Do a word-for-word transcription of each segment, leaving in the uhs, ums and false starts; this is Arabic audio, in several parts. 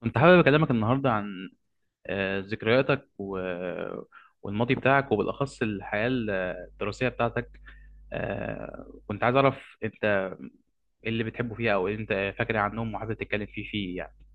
كنت حابب أكلمك النهاردة عن آه، ذكرياتك و... والماضي بتاعك وبالأخص الحياة الدراسية بتاعتك. آه، كنت عايز أعرف أنت إيه اللي بتحبه فيها أو إيه أنت فاكر عنهم وحابب تتكلم فيه فيه يعني.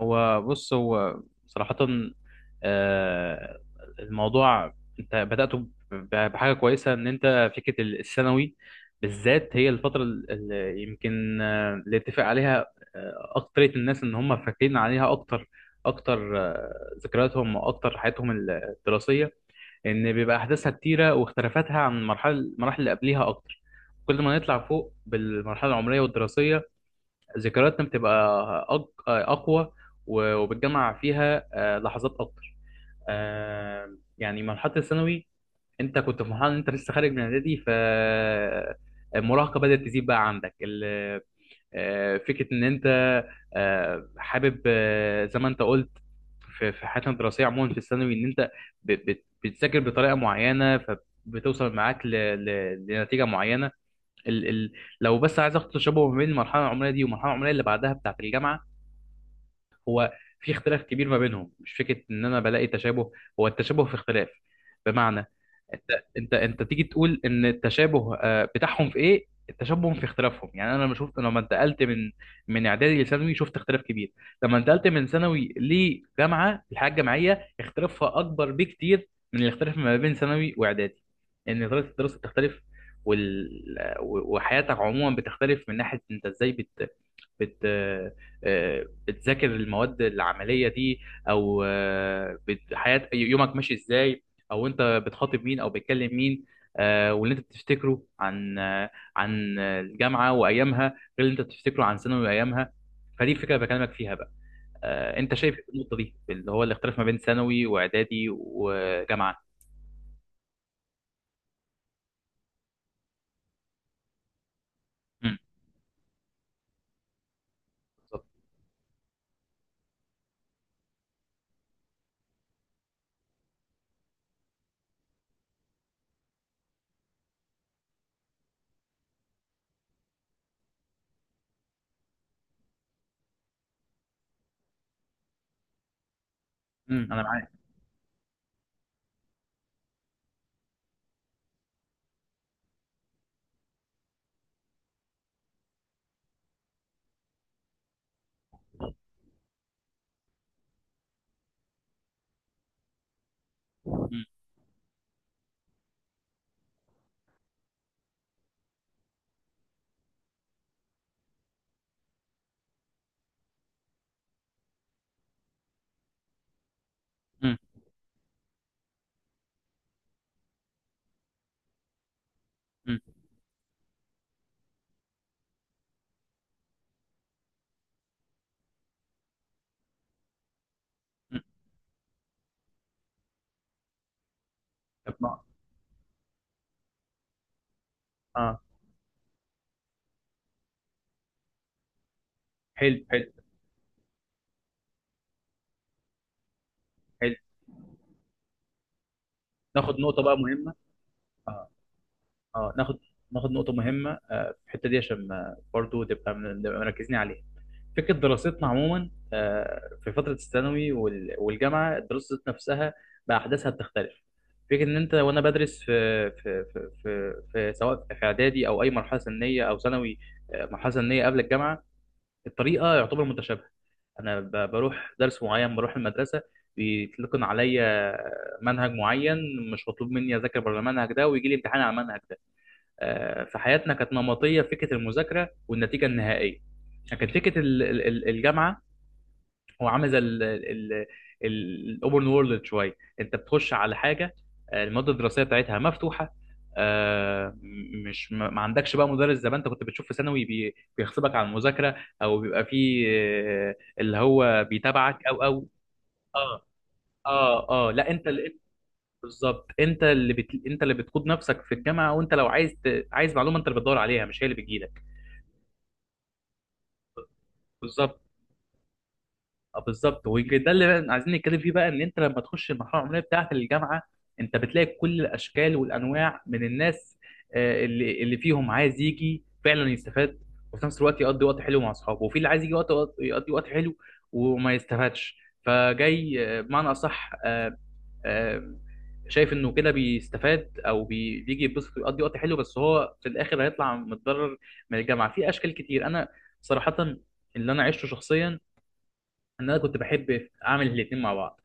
هو بص، هو صراحة، آه، الموضوع انت بدأته ب- ب- بحاجة كويسة، ان انت فكرة الثانوي بالذات هي الفترة اللي يمكن، آه، اللي اتفق عليها آه، أكترية الناس ان هم فاكرين عليها اكتر اكتر. آه، ذكرياتهم واكتر حياتهم الدراسية ان بيبقى احداثها كتيرة، واختلافاتها عن المرحلة المراحل اللي قبليها اكتر. كل ما نطلع فوق بالمرحلة العمرية والدراسية، ذكرياتنا بتبقى أق- أقوى، و- وبتجمع فيها آه، لحظات أكتر. آه، يعني مرحلة الثانوي، أنت كنت في مرحلة أنت لسه خارج من إعدادي، ف آه، المراهقة بدأت تزيد. بقى عندك ال- آه، فكرة إن أنت آه، حابب، آه، زي ما أنت قلت، في في حياتنا الدراسية عموما في الثانوي، إن أنت ب- بت- بتذاكر بطريقة معينة، فبتوصل معاك ل- ل- لنتيجة معينة. ال ال لو بس عايز اخد تشابه ما بين المرحله العمريه دي والمرحله العمريه اللي بعدها بتاعه الجامعه، هو في اختلاف كبير ما بينهم. مش فكره ان انا بلاقي تشابه، هو التشابه في اختلاف. بمعنى، انت انت انت تيجي تقول ان التشابه آه، بتاعهم في ايه، التشابه في اختلافهم. يعني انا لما شفت، لما انتقلت من من اعدادي لثانوي شفت اختلاف كبير. لما انتقلت من ثانوي لجامعه، الحياه الجامعيه اختلافها اكبر بكتير من الاختلاف ما بين ثانوي واعدادي. ان طريقه الدراسه بتختلف، وال... وحياتك عموما بتختلف، من ناحيه انت ازاي بت... بت آه، بتذاكر المواد العملية دي، أو آه، بت- حياة يومك ماشي إزاي، أو أنت بتخاطب مين أو بتكلم مين. آه، واللي أنت بتفتكره عن آه، عن الجامعة وأيامها غير اللي أنت بتفتكره عن ثانوي وأيامها. فدي الفكرة اللي بكلمك فيها بقى. آه، أنت شايف إيه النقطة دي اللي هو الاختلاف ما بين ثانوي وإعدادي وجامعة؟ مم، بالظبط. مم، أنا معاك. مم، مم، مم، مم. طب ما- آه، حلو، حلو، حلو. ناخد نقطة بقى مهمة. آه. اه ناخد، ناخد نقطة مهمة آه، في الحتة دي عشان ما- برضو تبقى من- نبقى مركزين عليها. فكرة دراستنا عموما آه، في فترة الثانوي وال- والجامعة، الدراسة نفسها بأحداثها بتختلف. فكرة إن أنت وأنا بدرس في في في في, في، سواء في إعدادي أو أي مرحلة سنية أو ثانوي، آه، مرحلة سنية قبل الجامعة، الطريقة يعتبر متشابهة. أنا ب- بروح درس معين، بروح المدرسة، بيتلقن عليا منهج معين، مش مطلوب مني أذاكر بره المنهج ده، ويجي لي امتحان على المنهج ده. آه، في حياتنا كانت نمطيه فكره المذاكره والنتيجه النهائيه. لكن فكره ال- ال- ال- الجامعه، هو عامل زي الاوبن وورلد شويه. انت بتخش على حاجه، آه، الماده الدراسيه بتاعتها مفتوحه. آه، مش ما ما عندكش بقى مدرس زي ما انت كنت بتشوف في ثانوي، بي- بيغصبك على المذاكره، او بيبقى فيه آه، اللي هو بيتابعك او او اه. اه، اه لا، انت اللي، بالظبط. انت اللي بت... انت اللي بتقود نفسك في الجامعه، وانت لو عايز ت... عايز معلومه انت اللي بتدور عليها، مش هي اللي بتجيلك. بالظبط، اه بالظبط. وده اللي بقى عايزين نتكلم فيه بقى، ان انت لما تخش المرحله العمريه بتاعه الجامعه، انت بتلاقي كل الاشكال والانواع من الناس. آه، اللي اللي فيهم عايز يجي فعلا يستفاد وفي نفس الوقت يقضي وقت حلو مع اصحابه، وفي اللي عايز يجي وقت وقت- يقضي وقت حلو وما يستفادش. فجاي آه، بمعنى اصح، آه، آه، شايف انه كده بيستفاد، او بي- بيجي يتبسط ويقضي وقت حلو، بس هو في الاخر هيطلع متضرر من الجامعه في اشكال كتير. انا صراحه اللي انا عشته شخصيا، ان انا كنت بحب اعمل الاثنين مع بعض.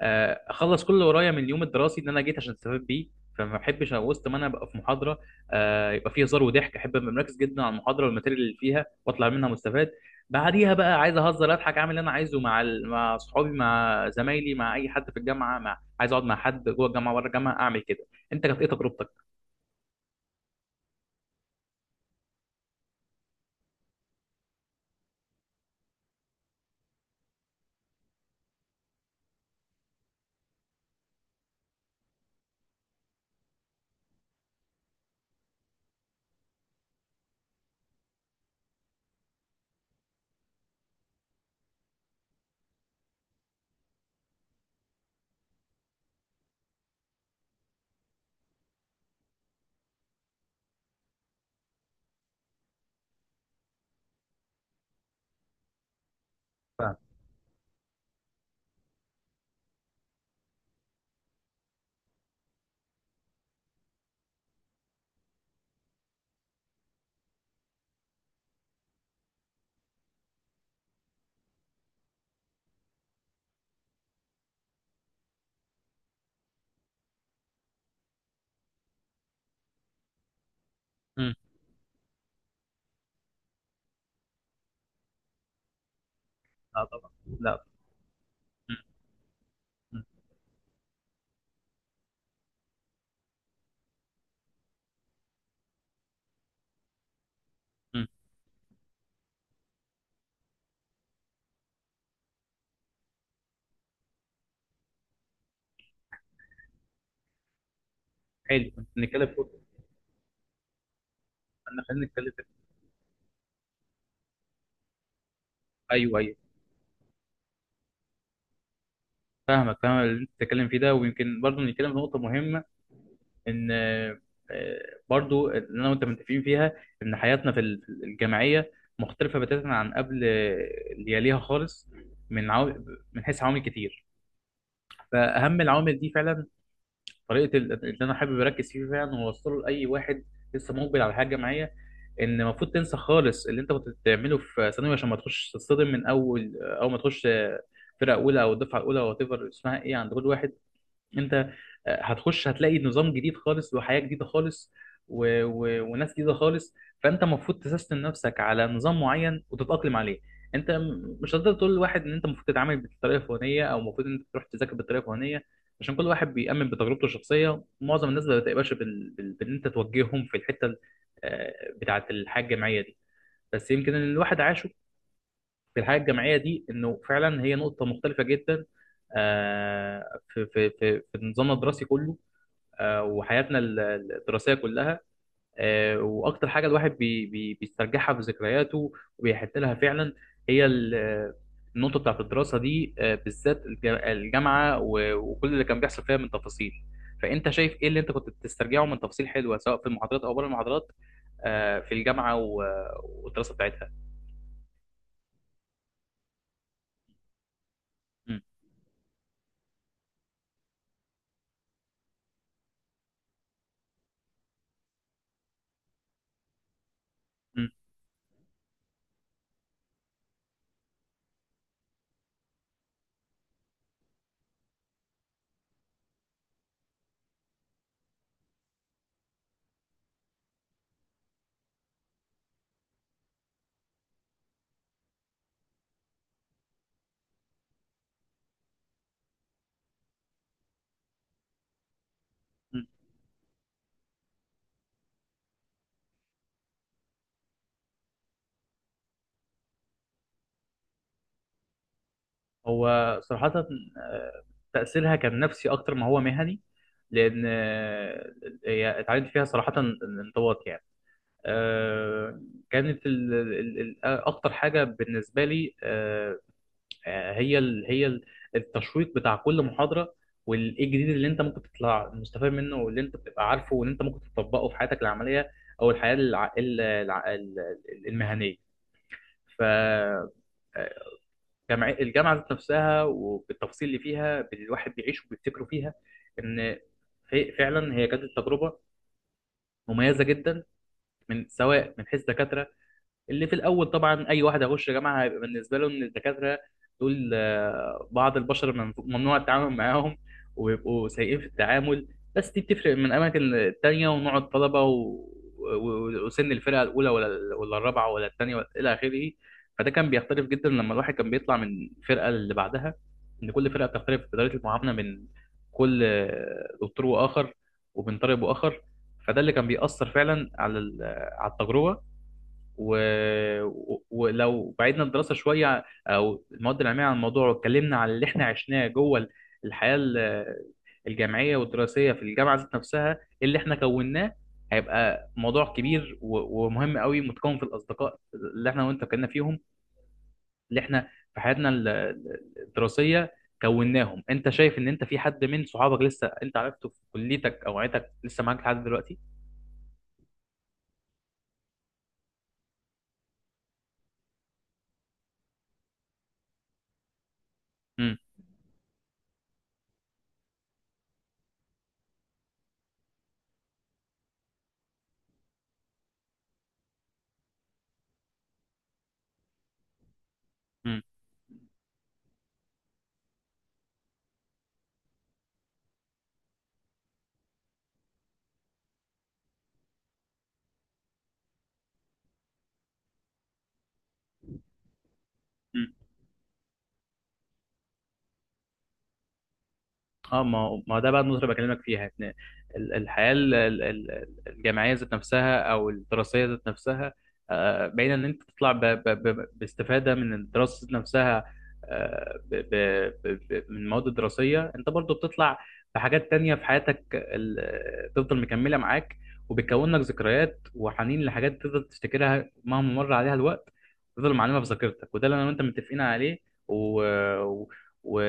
آه، اخلص كل اللي ورايا من اليوم الدراسي اللي انا جيت عشان استفاد بيه، فما بحبش وسط ما انا ابقى في محاضره آه، يبقى فيه هزار وضحك. احب ابقى مركز جدا على المحاضره والماتيريال اللي فيها واطلع منها مستفاد. بعديها بقى عايز اهزر، اضحك، اعمل اللي انا عايزه، مع ال- مع صحابي، مع زمايلي، مع اي حد في الجامعه، مع عايز اقعد مع حد جوه الجامعه بره الجامعه، اعمل كده. انت كانت ايه تجربتك؟ فاهم. امم. لا طبعا، لا. مم. مم. مم. حلو، كنت نتكلم في، احنا خلينا نتكلم في، ايوه ايوه. فاهمك، فاهم اللي انت بتتكلم فيه ده، ويمكن برضه نتكلم في نقطة مهمة، ان آه، برضه اللي انا وانت متفقين فيها، ان حياتنا في ال- في الجامعية مختلفة بتاتا عن قبل، آه، اللي يليها خالص، من عو... من حيث عوامل كتير. فأهم العوامل دي فعلا طريقة ال- اللي انا حابب اركز فيه فعلا واوصله لأي واحد لسه مقبل على الحياة الجامعية، ان المفروض تنسى خالص اللي انت كنت بتعمله في ثانوي عشان ما تخش تتصدم من اول اول ما تخش آه، فرقة أولى أو الدفعة الأولى أو whatever اسمها إيه عند كل واحد. انت آه، هتخش هتلاقي نظام جديد خالص وحياة جديدة خالص و... و... وناس جديدة خالص. فانت المفروض تسيستم نفسك على نظام معين وتتأقلم عليه. انت م- مش هتقدر تقول لواحد ان انت المفروض تتعامل بالطريقة الفلانية او المفروض ان انت تروح تذاكر بالطريقة الفلانية. عشان كل واحد بيأمن بتجربته الشخصية، معظم الناس ما بتقبلش بال... بال... بان انت توجههم في الحتة ال- آه، بتاعة الحياة الجامعية دي. بس يمكن ان الواحد عاشه في الحياه الجامعيه دي، انه فعلا هي نقطه مختلفه جدا آه، في في في في نظامنا الدراسي كله، آه، وحياتنا ال- الدراسيه كلها. آه، واكتر حاجه الواحد بي بي بيسترجعها في ذكرياته وبيحن لها فعلا، هي ال- النقطه بتاعت الدراسه دي آه، بالذات الج- الجامعه، و- وكل اللي كان بيحصل فيها من تفاصيل. فانت شايف ايه اللي انت كنت بتسترجعه من تفاصيل حلوه سواء في المحاضرات او بره المحاضرات آه، في الجامعه و- والدراسه بتاعتها؟ م- م- هو صراحة آه، تأثيرها كان نفسي أكتر ما هو مهني، لأن آه، هي اتعلمت فيها صراحة الانضباط يعني. آه، كانت ال- ال- ال- أكتر حاجة بالنسبة لي آه، آه، هي ال- هي ال- التشويق بتاع كل محاضرة، والإيه الجديد اللي أنت ممكن تطلع مستفاد منه، واللي أنت بتبقى عارفه، واللي أنت ممكن تطبقه في حياتك العملية أو الحياة الع- ال- الع- ال- المهنية. ف آه، جامع- الجامعة ذات نفسها وبالتفاصيل اللي فيها الواحد بيعيش وبيفتكره فيها، إن ف- فعلا هي كانت تجربة مميزة جدا، من سواء من حيث دكاترة. اللي في الاول طبعا اي واحد هيخش جامعه هيبقى بالنسبه له ان الدكاتره دول آه، بعض البشر من- ممنوع التعامل معاهم وبيبقوا سيئين في التعامل. بس دي بتفرق من اماكن تانية، ونوع الطلبه و... و- وسن الفرقه الاولى ولا ولا الرابعه ولا الثانيه ولا الى اخره. فده كان بيختلف جدا لما الواحد كان بيطلع من الفرقه اللي بعدها، ان كل فرقه بتختلف في طريقه المعامله من كل آه، دكتور واخر، وبين طالب واخر. فده اللي كان بيأثر فعلا على ال- على التجربه. و... و- ولو بعدنا الدراسه شويه او المواد العلميه عن الموضوع، واتكلمنا على اللي احنا عشناه جوه ال- الحياه ال- الجامعيه والدراسيه في الجامعه ذات نفسها، اللي احنا كوناه، هيبقى موضوع كبير و- ومهم قوي متكون في الاصدقاء اللي احنا وانت كنا فيهم، اللي احنا في حياتنا ال- ال- الدراسيه كوناهم. انت شايف ان انت في حد من صحابك لسه انت عرفته في كليتك او عيلتك لسه معاك لحد دلوقتي؟ امم. اه، ما هو- ما هو ده بقى النقطة اللي بكلمك فيها، ان ال- الحياة ال- ال- ال- الجامعية ذات نفسها او الدراسية ذات نفسها آه، باينة ان انت تطلع ب- ب- ب- باستفادة من الدراسة ذات نفسها آه، ب- ب- ب- ب- من المواد الدراسية، انت برضو بتطلع بحاجات تانية في حياتك ال- تفضل مكملة معاك، وبتكون لك ذكريات وحنين لحاجات تفضل تفتكرها مهما مر عليها الوقت، تفضل معلمة في ذاكرتك. وده اللي انا وانت متفقين عليه، و... و...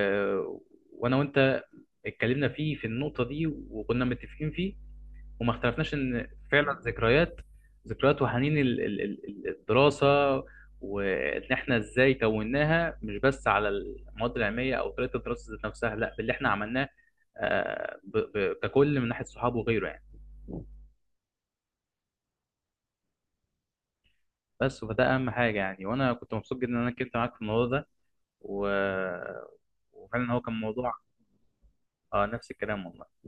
وانا وانت اتكلمنا فيه في النقطة دي وكنا متفقين فيه، وما اختلفناش ان فعلا ذكريات، ذكريات وحنين ال- ال- ال- الدراسة، وان احنا ازاي كوناها مش بس على المواد العلمية او طريقة الدراسة ذات نفسها، لا، باللي احنا عملناه آه، ب- ب- ككل من ناحية صحابه وغيره يعني. بس فده اهم حاجة يعني، وانا كنت مبسوط جدا ان انا اتكلمت معاك في الموضوع ده، و... وفعلا هو كان موضوع. اه، نفس الكلام والله.